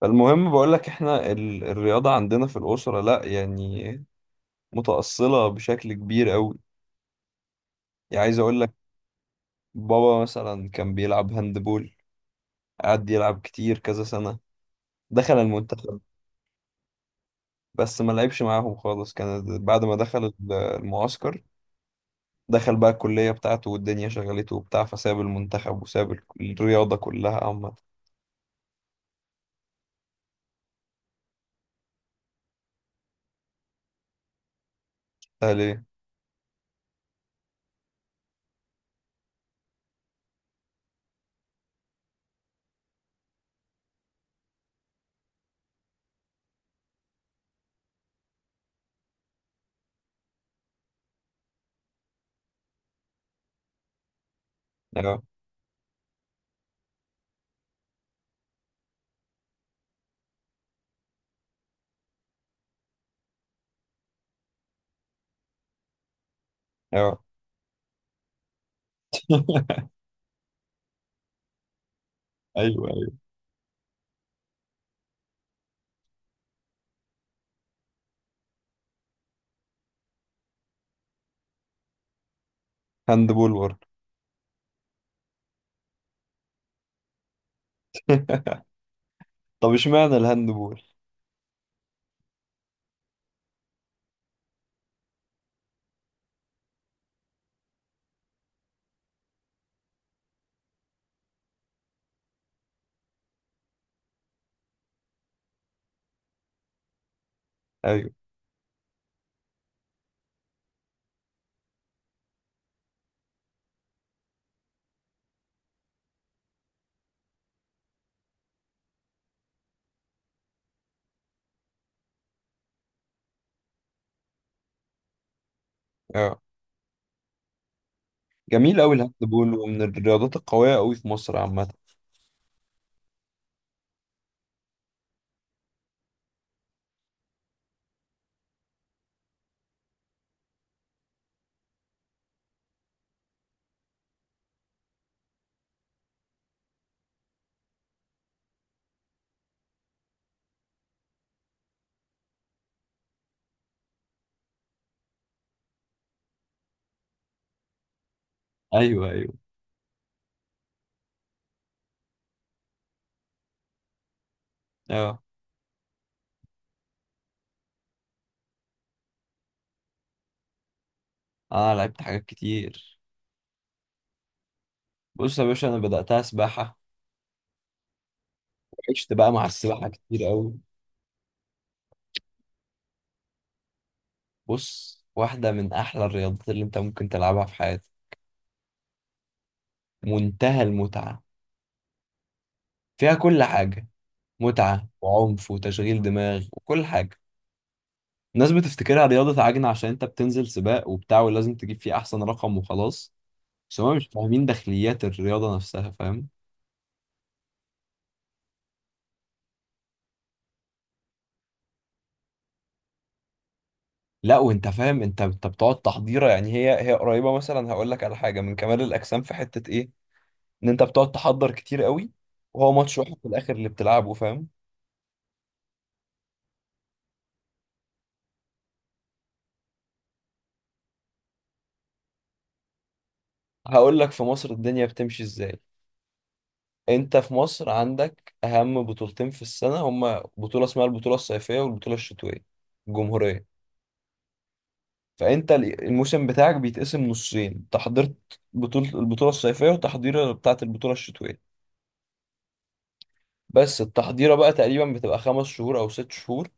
فالمهم بقول لك احنا الرياضة عندنا في الأسرة لا يعني متأصلة بشكل كبير قوي. يعني عايز اقول لك، بابا مثلا كان بيلعب هاندبول، قعد يلعب كتير كذا سنة، دخل المنتخب. بس ما لعبش معاهم خالص، كان بعد ما دخل المعسكر، دخل بقى الكلية بتاعته والدنيا شغلته وبتاع، فساب المنتخب وساب الرياضة كلها عامة. ده ليه؟ اه اه، ايوه ايوه. هاندبول برضه؟ طب اشمعنى الهاندبول؟ ايوه، اه. جميل قوي الهاند بول، ومن الرياضات القويه قوي في مصر عامه. ايوه ايوه، اه. انا لعبت حاجات كتير. بص يا باشا، انا بداتها سباحه، وعشت بقى مع السباحه كتير قوي. بص، واحده من احلى الرياضات اللي انت ممكن تلعبها في حياتك. منتهى المتعه، فيها كل حاجه، متعه وعنف وتشغيل دماغ وكل حاجه. الناس بتفتكرها رياضه عجنه عشان انت بتنزل سباق وبتاع ولازم تجيب فيه احسن رقم وخلاص، بس هما مش فاهمين داخليات الرياضه نفسها، فاهم؟ لا وانت فاهم، انت بتقعد تحضيره، يعني هي قريبه مثلا، هقول لك، على حاجه من كمال الاجسام في حته ايه. ان انت بتقعد تحضر كتير قوي، وهو ماتش واحد في الاخر اللي بتلعبه، فاهم؟ هقول لك في مصر الدنيا بتمشي ازاي. انت في مصر عندك اهم بطولتين في السنه، هما بطوله اسمها البطوله الصيفيه والبطوله الشتويه الجمهوريه. فانت الموسم بتاعك بيتقسم نصين، انت حضرت البطوله الصيفيه وتحضيره بتاعه البطوله الشتويه. بس التحضيره بقى تقريبا بتبقى 5 شهور او 6 شهور،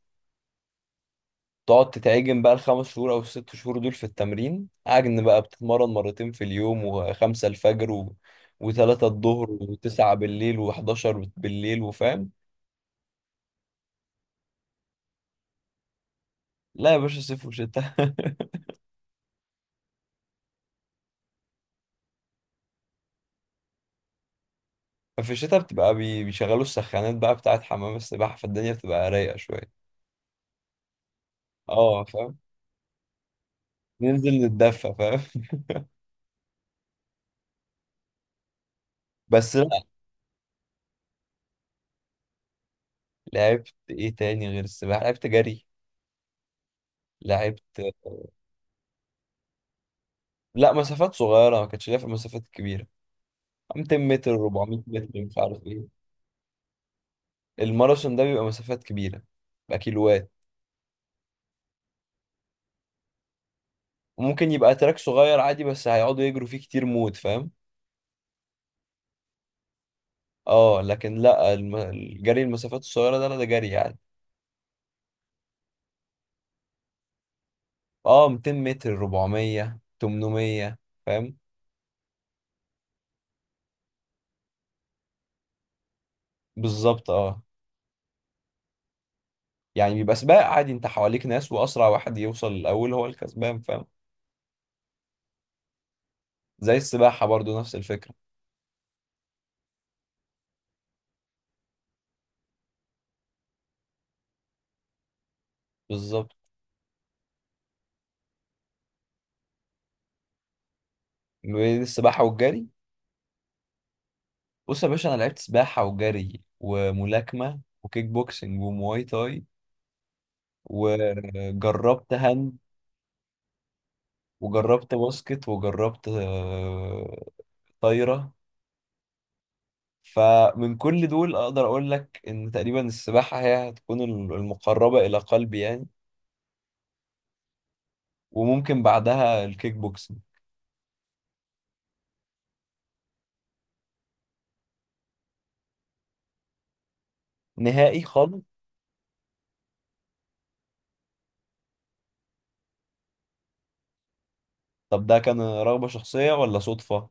تقعد تتعجن بقى الخمس شهور او الست شهور دول في التمرين عجن، بقى بتتمرن مرتين في اليوم، وخمسة الفجر وثلاثة الظهر وتسعة بالليل وحداشر بالليل، وفاهم. لا يا باشا، صيف وشتاء. في الشتاء بتبقى بيشغلوا السخانات بقى بتاعت حمام السباحة، فالدنيا بتبقى رايقة شوية. اه فاهم، ننزل نتدفى، فاهم؟ بس لا. لعبت ايه تاني غير السباحة؟ لعبت جري، لعبت، لا مسافات صغيرة، ما كانتش ليا في المسافات الكبيرة. 200 متر، 400 متر، مش عارف إيه. الماراثون ده بيبقى مسافات كبيرة، بيبقى كيلوات، وممكن يبقى تراك صغير عادي بس هيقعدوا يجروا فيه كتير موت، فاهم؟ اه، لكن لا، الجري المسافات الصغيرة ده، لا ده جري يعني. اه، 200 متر، 400، 800، فاهم؟ بالظبط، اه. يعني بيبقى سباق عادي، انت حواليك ناس، واسرع واحد يوصل الاول هو الكسبان، فاهم؟ زي السباحة برضو، نفس الفكرة. بالظبط. بين السباحة والجري؟ بص يا باشا، انا لعبت سباحة وجري وملاكمة وكيك بوكسنج ومواي تاي، وجربت هاند، وجربت باسكت، وجربت طايرة. فمن كل دول أقدر أقول لك إن تقريبا السباحة هي هتكون المقربة إلى قلبي يعني، وممكن بعدها الكيك بوكسنج. نهائي خالص. طب ده كان رغبة شخصية ولا صدفة؟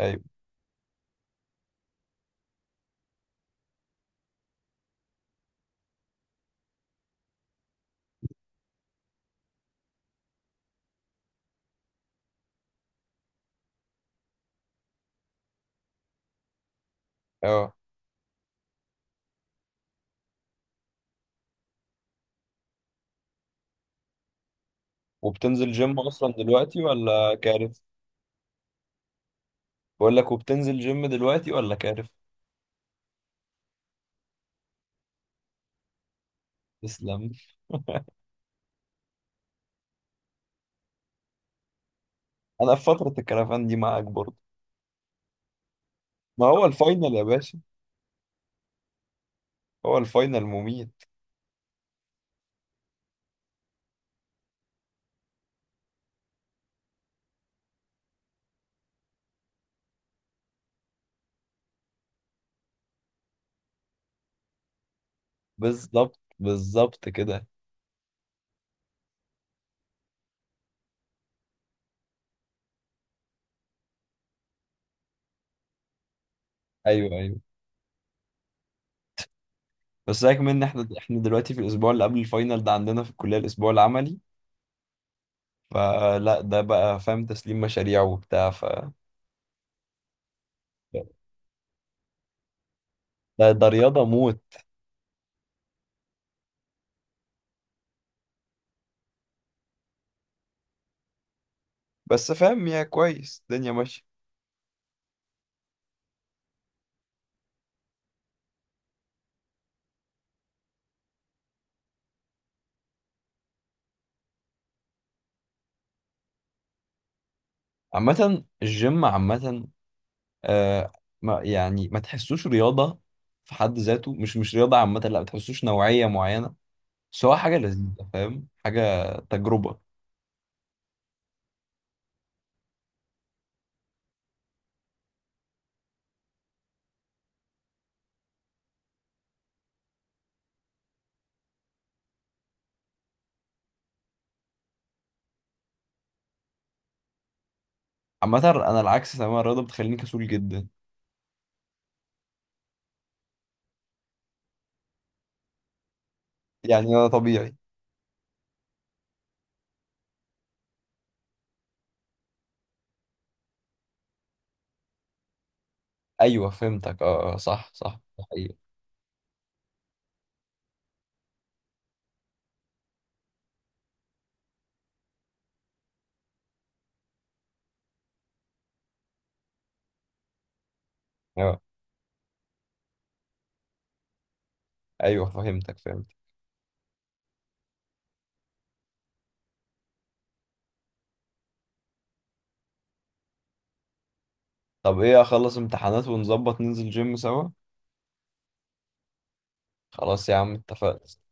أيوة. أه، وبتنزل جيم أصلا دلوقتي ولا كارف؟ بقول لك، وبتنزل جيم دلوقتي ولا كارف؟ تسلم. أنا في فترة الكرفان دي معاك برضه. ما هو الفاينل يا باشا، هو الفاينل مميت. بالظبط بالظبط كده. ايوه ايوه. بس سيبك من ان احنا دلوقتي في الاسبوع اللي قبل الفاينل ده، عندنا في الكليه الاسبوع العملي. فلا، ده بقى فاهم تسليم مشاريع وبتاع، ده رياضه موت. بس فاهم يا كويس، الدنيا ماشيه. عامه الجيم عامه، آه، ما يعني ما تحسوش رياضه في حد ذاته، مش مش رياضه عامه، لا، ما تحسوش نوعيه معينه، بس هو حاجه لذيذه، فاهم، حاجه تجربه. عامه انا العكس تماما، الرياضه بتخليني كسول جدا. يعني انا طبيعي. ايوه فهمتك، اه آه، صح صح، ده حقيقي. اه ايوه، فهمتك فهمت. طب ايه، اخلص امتحانات ونظبط ننزل جيم سوا؟ خلاص يا عم اتفقنا.